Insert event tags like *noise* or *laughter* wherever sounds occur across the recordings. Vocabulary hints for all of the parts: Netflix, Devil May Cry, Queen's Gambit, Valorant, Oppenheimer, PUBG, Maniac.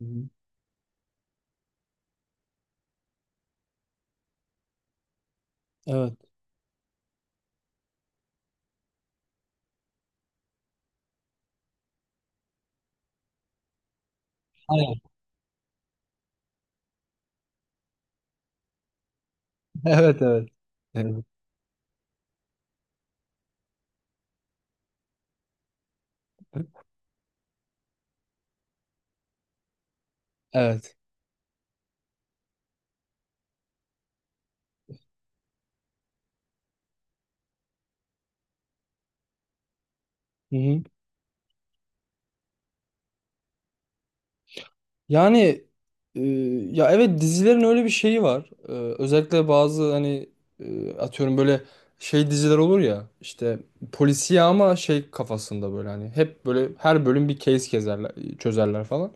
Hı hı. Evet. Aynen. *laughs* Evet, evet. Evet. Evet. Hı hı. Yani e, ya evet, dizilerin öyle bir şeyi var. Özellikle bazı hani atıyorum, böyle şey diziler olur ya, işte polisiye ama şey kafasında, böyle hani hep böyle her bölüm bir case kezerler, çözerler falan.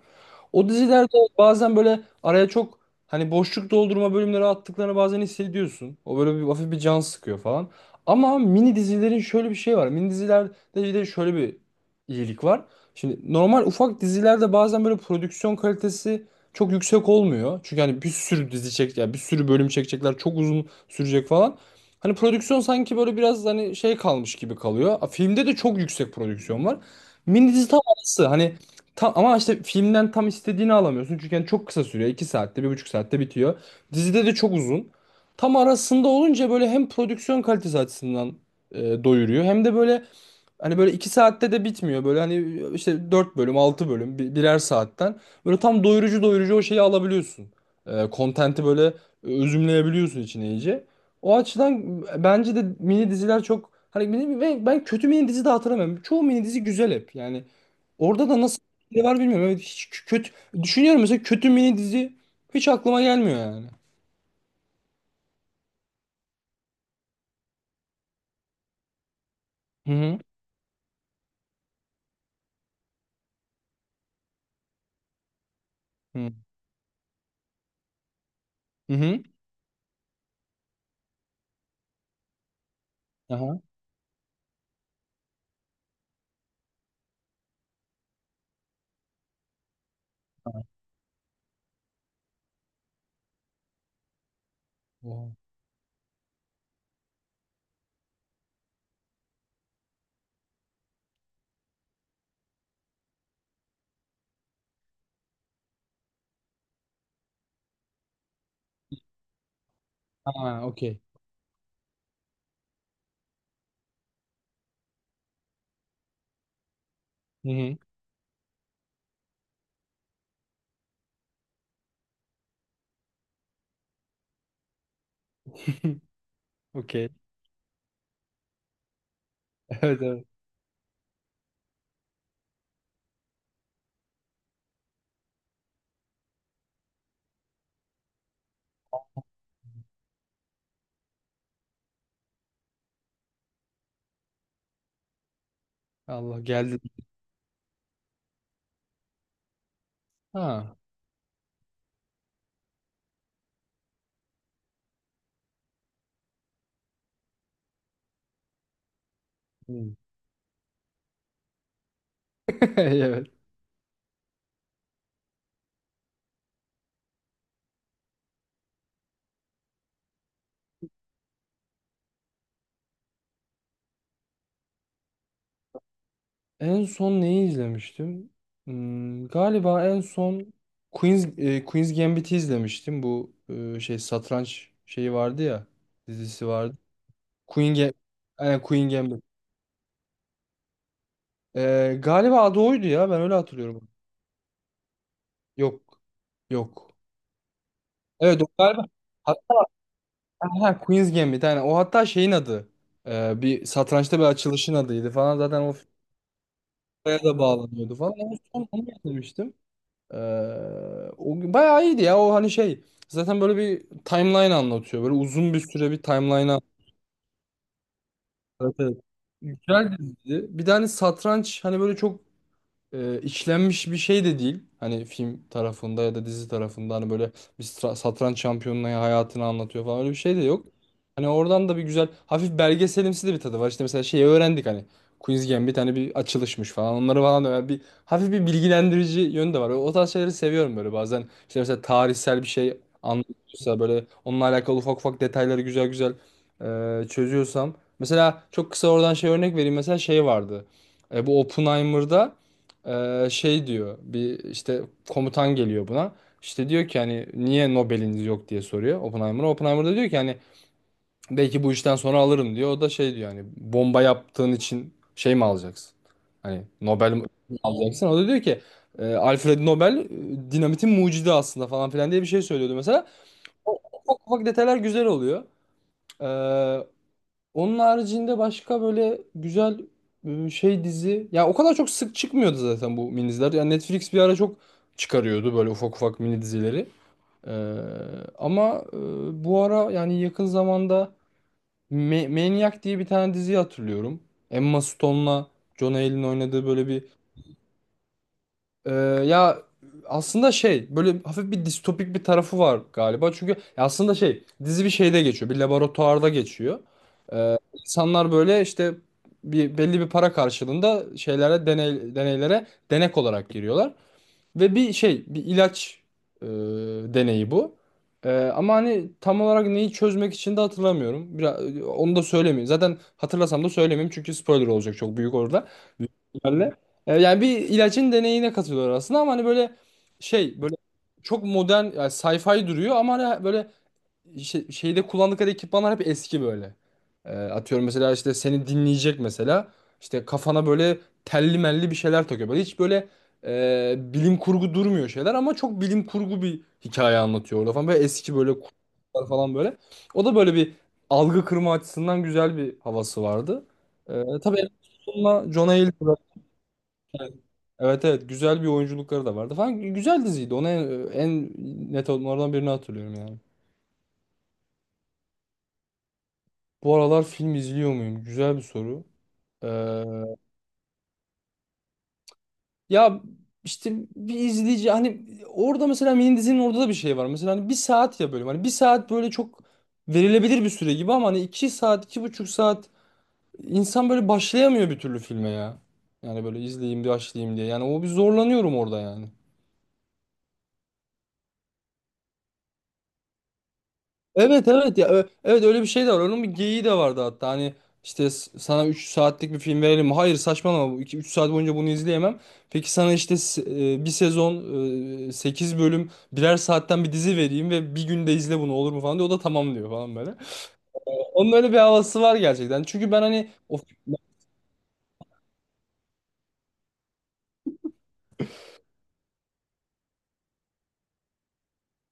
O dizilerde bazen böyle araya çok hani boşluk doldurma bölümleri attıklarını bazen hissediyorsun. O böyle bir hafif bir can sıkıyor falan. Ama mini dizilerin şöyle bir şey var. Mini dizilerde bir de şöyle bir iyilik var. Şimdi normal ufak dizilerde bazen böyle prodüksiyon kalitesi çok yüksek olmuyor. Çünkü hani bir sürü dizi çek, yani bir sürü bölüm çekecekler, çok uzun sürecek falan. Hani prodüksiyon sanki böyle biraz hani şey kalmış gibi kalıyor. Filmde de çok yüksek prodüksiyon var. Mini dizi tam arası. Hani tam, ama işte filmden tam istediğini alamıyorsun. Çünkü yani çok kısa sürüyor. 2 saatte, bir buçuk saatte bitiyor. Dizide de çok uzun. Tam arasında olunca böyle hem prodüksiyon kalitesi açısından doyuruyor. Hem de böyle hani böyle 2 saatte de bitmiyor. Böyle hani işte 4 bölüm, 6 bölüm, birer saatten. Böyle tam doyurucu o şeyi alabiliyorsun. Kontenti böyle özümleyebiliyorsun içine iyice. O açıdan bence de mini diziler çok... Hani ve ben kötü mini dizi de hatırlamıyorum. Çoğu mini dizi güzel hep. Yani orada da nasıl bir şey var bilmiyorum. Evet, hiç kötü düşünüyorum mesela, kötü mini dizi hiç aklıma gelmiyor yani. Hı hı. Hı hı, hı. Aha. Oha. Ha, okey. Hı hı. *laughs* Okey. Evet, evet. Allah geldi. Ha. Hı. *laughs* Evet. En son neyi izlemiştim? Hmm, galiba en son Queen's Gambit'i izlemiştim. Bu şey, satranç şeyi vardı ya. Dizisi vardı. Queen Ga- Aynen, Queen Gambit. Galiba adı oydu ya. Ben öyle hatırlıyorum. Yok. Yok. Evet, o galiba. Ha, ha, Queen's Gambit, yani o hatta şeyin adı. Bir satrançta bir açılışın adıydı falan zaten, o filmlere da bağlanıyordu falan. Ama son onu getirmiştim. Ee, O gün bayağı iyiydi ya, o hani şey zaten böyle bir timeline anlatıyor. Böyle uzun bir süre bir timeline anlatıyor. Evet, evet. Güzel diziydi. Bir tane satranç hani böyle çok işlenmiş bir şey de değil. Hani film tarafında ya da dizi tarafında, hani böyle bir satranç şampiyonunun hayatını anlatıyor falan, öyle bir şey de yok. Hani oradan da bir güzel hafif belgeselimsi de bir tadı var. İşte mesela şeyi öğrendik, hani Queen's Gambit hani bir açılışmış falan, onları falan. Öyle bir hafif bir bilgilendirici yönü de var. O tarz şeyleri seviyorum böyle bazen. İşte mesela tarihsel bir şey anlatıyorsa böyle, onunla alakalı ufak ufak detayları güzel güzel çözüyorsam. Mesela çok kısa oradan şey örnek vereyim, mesela şey vardı. Bu Oppenheimer'da şey diyor, bir işte komutan geliyor buna. İşte diyor ki hani niye Nobel'iniz yok diye soruyor Oppenheimer'a. Oppenheimer da diyor ki hani belki bu işten sonra alırım diyor. O da şey diyor, hani bomba yaptığın için şey mi alacaksın? Hani Nobel mi *laughs* alacaksın? O da diyor ki: Alfred Nobel dinamitin mucidi aslında" falan filan diye bir şey söylüyordu mesela. O ufak ufak detaylar güzel oluyor. Onun haricinde başka böyle güzel şey dizi. Ya o kadar çok sık çıkmıyordu zaten bu mini diziler. Yani Netflix bir ara çok çıkarıyordu böyle ufak ufak mini dizileri. Ee, Ama bu ara, yani yakın zamanda Maniac diye bir tane dizi hatırlıyorum. Emma Stone'la John Hale'in oynadığı böyle bir ee, ya aslında şey, böyle hafif bir distopik bir tarafı var galiba. Çünkü ya aslında şey, dizi bir şeyde geçiyor. Bir laboratuvarda geçiyor. İnsanlar böyle işte bir belli bir para karşılığında şeylere deneylere denek olarak giriyorlar. Ve bir şey, bir ilaç e, deneyi bu. Ama hani tam olarak neyi çözmek için de hatırlamıyorum. Biraz, onu da söylemeyeyim. Zaten hatırlasam da söylemeyeyim çünkü spoiler olacak çok büyük orada. Büyük ihtimalle. Yani bir ilacın deneyine katılıyor aslında, ama hani böyle şey, böyle çok modern yani sci-fi duruyor, ama hani böyle şeyde kullandıkları ekipmanlar hep eski böyle. Atıyorum mesela, işte seni dinleyecek mesela. İşte kafana böyle telli melli bir şeyler takıyor. Böyle hiç böyle bilim kurgu durmuyor şeyler, ama çok bilim kurgu bir hikaye anlatıyor orada falan. Böyle eski böyle kurgular falan böyle. O da böyle bir algı kırma açısından güzel bir havası vardı. Tabii sonuna John Hill'la evet, evet güzel bir oyunculukları da vardı falan. Güzel diziydi. Onu en net onlardan birini hatırlıyorum yani. Bu aralar film izliyor muyum? Güzel bir soru. Ee, Ya işte bir izleyici hani, orada mesela mini dizinin orada da bir şey var. Mesela hani bir saat ya bölüm. Hani bir saat böyle çok verilebilir bir süre gibi, ama hani iki saat, iki buçuk saat insan böyle başlayamıyor bir türlü filme ya. Yani böyle izleyeyim, başlayayım diye. Yani o bir zorlanıyorum orada yani. Evet, evet ya, evet öyle bir şey de var. Onun bir geyiği de vardı hatta. Hani işte sana 3 saatlik bir film verelim, mi? Hayır saçmalama. 2-3 saat boyunca bunu izleyemem. Peki sana işte bir sezon 8 bölüm birer saatten bir dizi vereyim ve bir günde izle bunu, olur mu falan diyor. O da tamam diyor falan böyle. Onun öyle bir havası var gerçekten. Çünkü ben hani o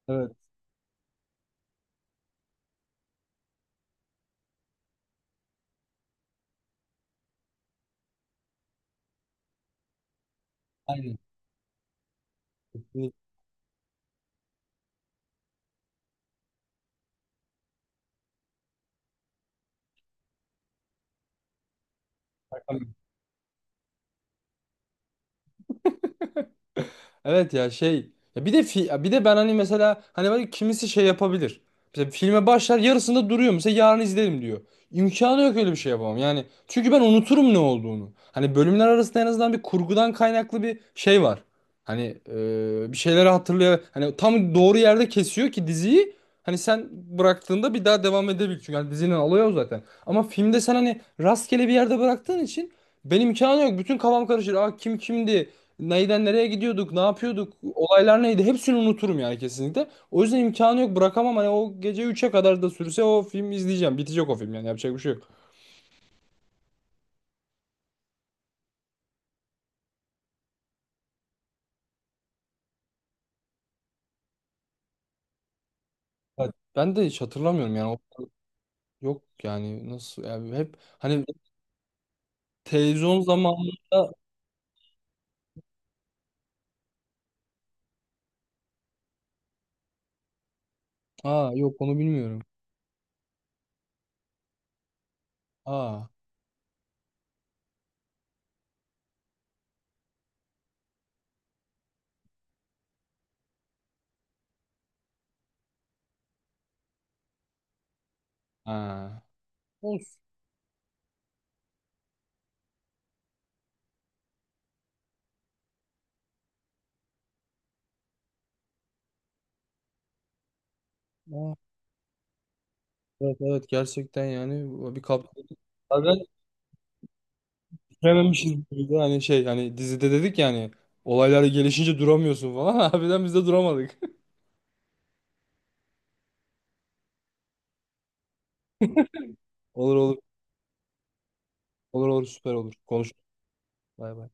evet, aynen. Evet ya şey, ya bir de bir de ben hani mesela hani böyle kimisi şey yapabilir. Mesela filme başlar yarısında duruyor mesela, yarın izlerim diyor. İmkanı yok öyle bir şey yapamam. Yani çünkü ben unuturum ne olduğunu. Hani bölümler arasında en azından bir kurgudan kaynaklı bir şey var. Hani bir şeyleri hatırlıyor. Hani tam doğru yerde kesiyor ki diziyi. Hani sen bıraktığında bir daha devam edebil. Çünkü hani dizinin olayı o zaten. Ama filmde sen hani rastgele bir yerde bıraktığın için benim imkanı yok. Bütün kafam karışır. Aa, kim kimdi? Neyden nereye gidiyorduk, ne yapıyorduk, olaylar neydi, hepsini unuturum yani kesinlikle. O yüzden imkanı yok, bırakamam, hani o gece üçe kadar da sürse o filmi izleyeceğim. Bitecek o film yani, yapacak bir şey yok. Evet, ben de hiç hatırlamıyorum yani. O- yok yani, nasıl yani, hep hani televizyon zamanında aa yok, onu bilmiyorum. Aa ha. Olsun. Aa, evet, evet gerçekten yani bir kap. Bazen bitirememişiz gibi de hani şey, hani dizide dedik yani, olaylar gelişince duramıyorsun falan. *laughs* Harbiden biz de duramadık. *laughs* Olur olur. Olur olur, süper olur. Konuş. Bay bay.